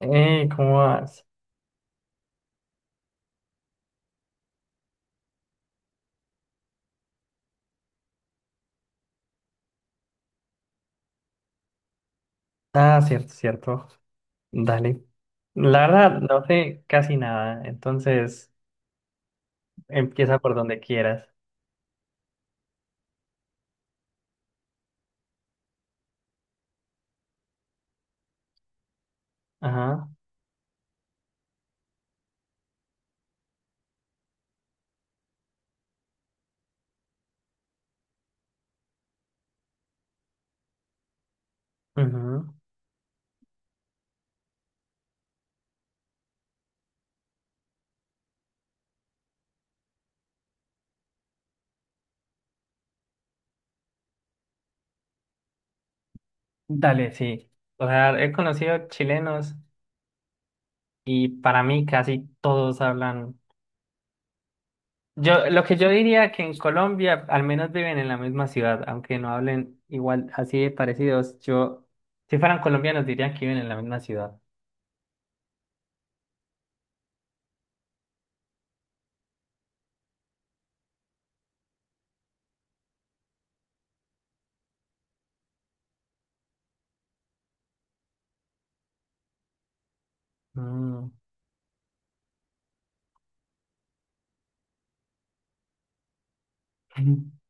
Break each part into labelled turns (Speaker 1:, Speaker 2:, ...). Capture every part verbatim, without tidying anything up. Speaker 1: Eh, ¿cómo vas? Ah, cierto, cierto. Dale. La verdad, no sé casi nada, entonces empieza por donde quieras. Ajá. Ujú. Dale, sí. O sea, he conocido chilenos y para mí casi todos hablan. Yo, lo que yo diría que en Colombia al menos viven en la misma ciudad, aunque no hablen igual, así de parecidos. Yo, si fueran colombianos, dirían que viven en la misma ciudad. Mm.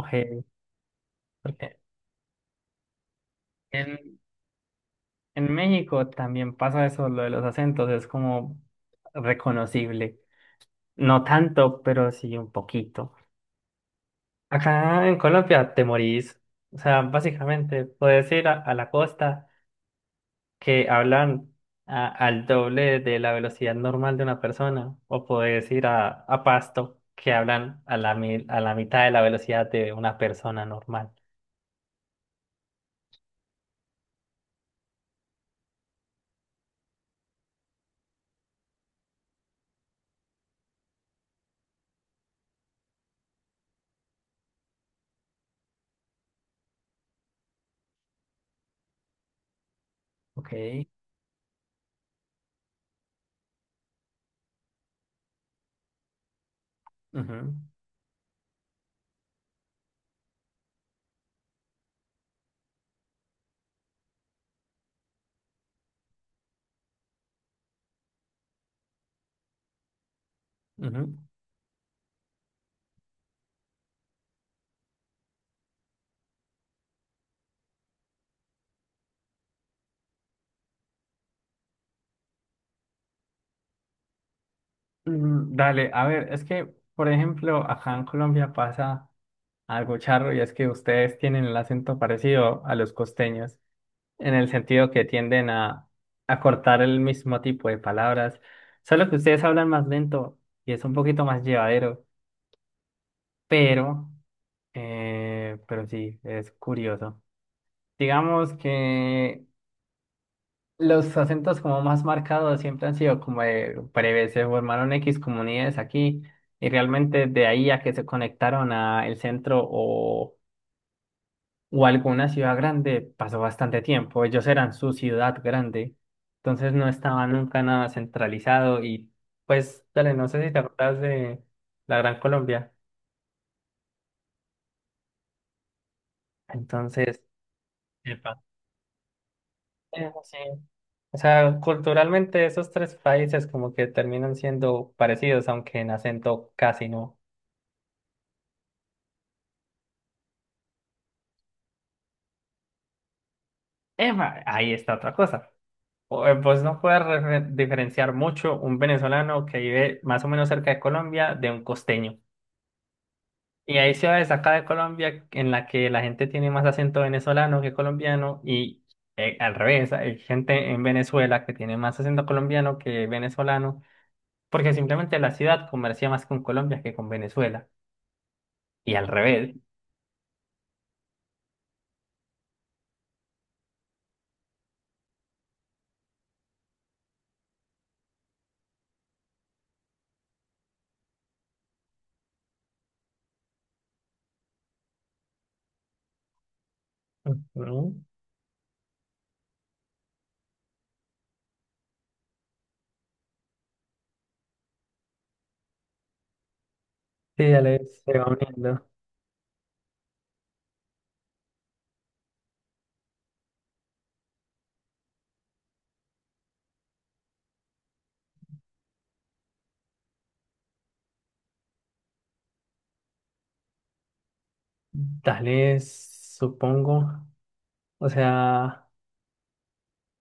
Speaker 1: Ok, porque en, En México también pasa eso, lo de los acentos, es como reconocible. No tanto, pero sí un poquito. Acá en Colombia te morís. O sea, básicamente puedes ir a a la costa que hablan a- al doble de la velocidad normal de una persona, o puedes ir a a Pasto que hablan a la, mi- a la mitad de la velocidad de una persona normal. Ok. Ujú, ujú. Mm, Dale, a ver, es que, por ejemplo, acá en Colombia pasa algo charro y es que ustedes tienen el acento parecido a los costeños, en el sentido que tienden a a cortar el mismo tipo de palabras, solo que ustedes hablan más lento y es un poquito más llevadero, pero, eh, pero sí, es curioso. Digamos que los acentos como más marcados siempre han sido como de breve, se formaron X comunidades aquí y realmente de ahí a que se conectaron a el centro o, o alguna ciudad grande pasó bastante tiempo. Ellos eran su ciudad grande, entonces no estaba nunca nada centralizado y pues dale, no sé si te acuerdas de la Gran Colombia. Entonces, epa, eso sí. O sea, culturalmente esos tres países como que terminan siendo parecidos, aunque en acento casi no. Eva, ahí está otra cosa. O- eh, Vos no puedes re- diferenciar mucho un venezolano que vive más o menos cerca de Colombia de un costeño. Y hay ciudades acá de Colombia en la que la gente tiene más acento venezolano que colombiano y eh, al revés, hay gente en Venezuela que tiene más acento colombiano que venezolano porque simplemente la ciudad comercia más con Colombia que con Venezuela. Y al revés. Ujú. Sí, dale, se va uniendo. Dale, supongo. O sea.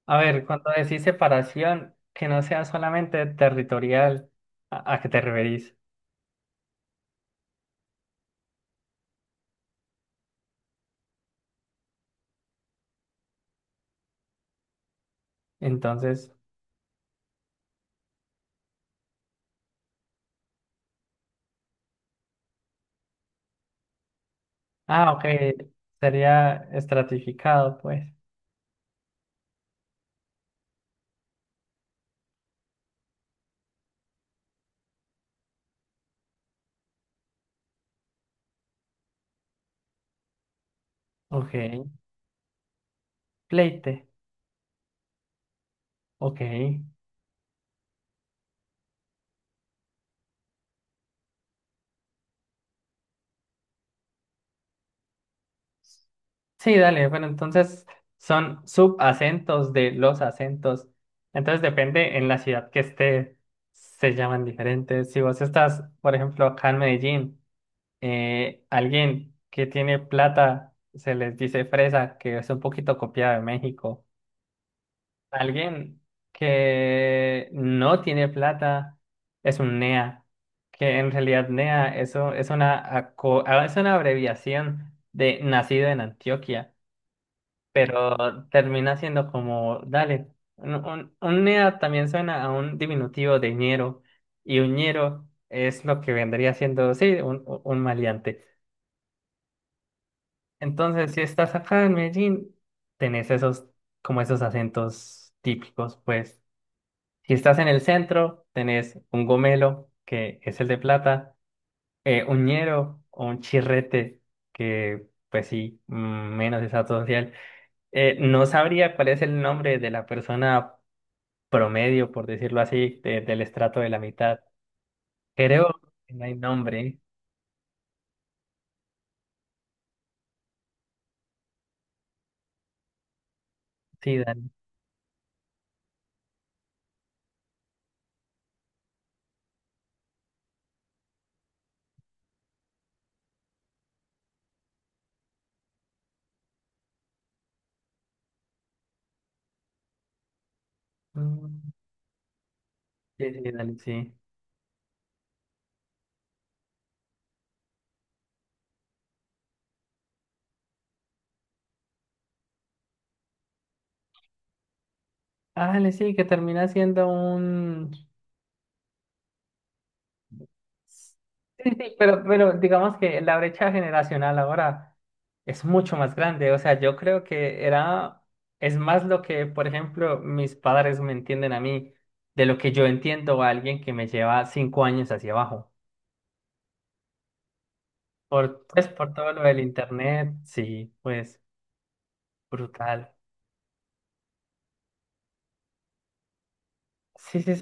Speaker 1: A ver, cuando decís separación, que no sea solamente territorial, ¿a, a qué te referís? Entonces, ah, ok, sería estratificado, pues. Ok, pleite, ok. Sí, dale, bueno, entonces son subacentos de los acentos. Entonces depende en la ciudad que esté, se llaman diferentes. Si vos estás, por ejemplo, acá en Medellín, eh, alguien que tiene plata se les dice fresa, que es un poquito copiada de México. Alguien que no tiene plata es un NEA, que en realidad NEA eso es una, aco- ah, es una abreviación de nacido en Antioquia, pero termina siendo como, dale, un, un- un NEA también suena a un diminutivo de ñero, y un ñero es lo que vendría siendo, sí, un, un un maleante. Entonces, si estás acá en Medellín, tenés esos, como esos acentos típicos, pues. Si estás en el centro, tenés un gomelo, que es el de plata, eh, un ñero o un chirrete, que pues sí, mm, menos estatus social. Eh, no sabría cuál es el nombre de la persona promedio, por decirlo así, de- del estrato de la mitad. Creo que no hay nombre. Sí, Dani. Mm, sí, sí, Dani, sí. Ah, le sí, que termina siendo un. Sí, sí, pero, pero digamos que la brecha generacional ahora es mucho más grande. O sea, yo creo que era, es más lo que, por ejemplo, mis padres me entienden a mí de lo que yo entiendo a alguien que me lleva cinco años hacia abajo. Por, pues, por todo lo del internet, sí, pues, brutal. Sí, sí, sí,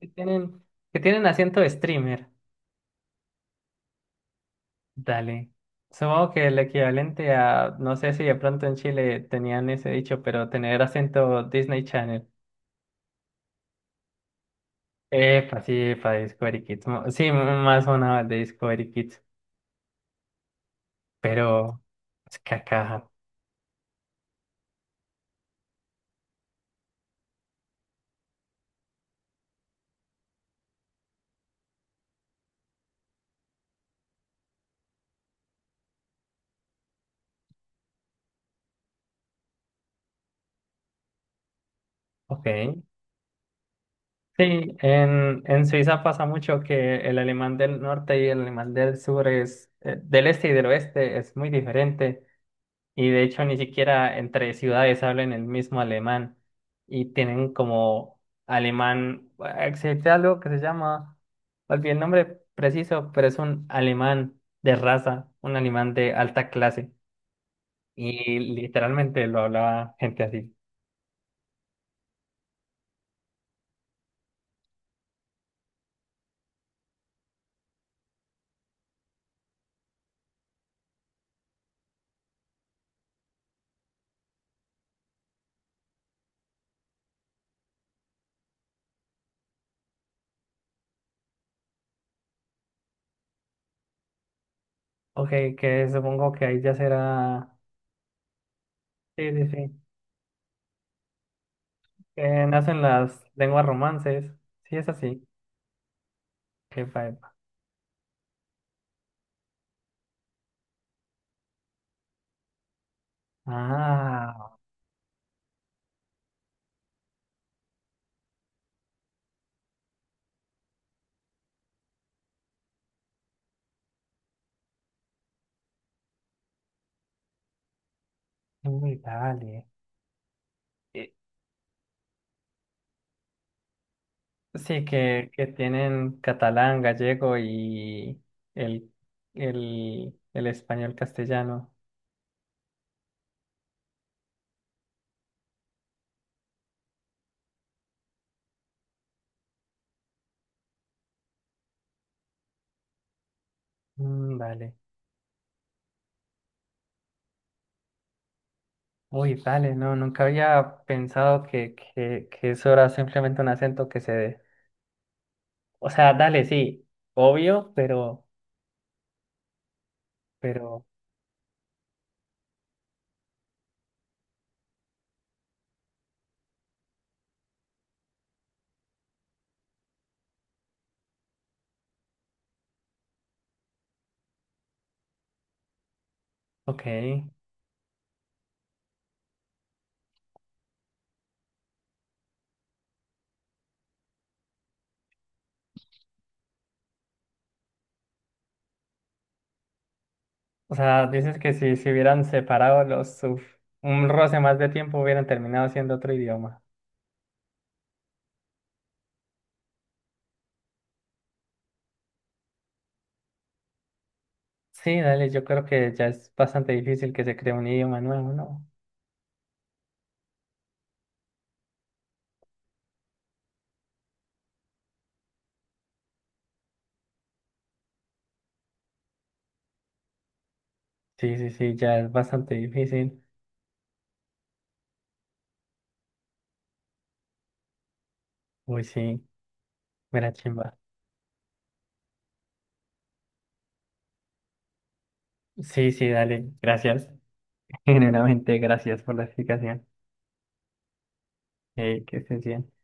Speaker 1: que tienen, que tienen acento de streamer. Dale. Supongo que el equivalente a, no sé si de pronto en Chile tenían ese dicho, pero tener acento Disney Channel. Epa, sí, para Discovery Kids. Mo- Sí, m- más una el de Discovery Kids, pero es cacaja. Ok. Sí, en, en Suiza pasa mucho que el alemán del norte y el alemán del sur es, eh, del este y del oeste es muy diferente. Y de hecho ni siquiera entre ciudades hablan el mismo alemán y tienen como alemán, eh, existe algo que se llama, olvidé el nombre preciso, pero es un alemán de raza, un alemán de alta clase y literalmente lo hablaba gente así. Ok, que supongo que ahí ya será, sí, sí, sí, que nacen las lenguas romances, sí es así, qué que Ah, uy, dale. Sí, que, que tienen catalán, gallego y el, el, el español castellano. Mm, dale. Uy, dale, no, nunca había pensado que, que, que eso era simplemente un acento que se dé. O sea, dale, sí, obvio, pero, pero, ok. O sea, dices que si se hubieran separado los, uf, un roce más de tiempo hubieran terminado siendo otro idioma. Sí, dale, yo creo que ya es bastante difícil que se cree un idioma nuevo, ¿no? Sí, sí, sí, ya es bastante difícil. Uy, sí, mira, chimba. Sí, sí, dale, gracias. Generalmente, gracias por la explicación. Eh, que estés bien.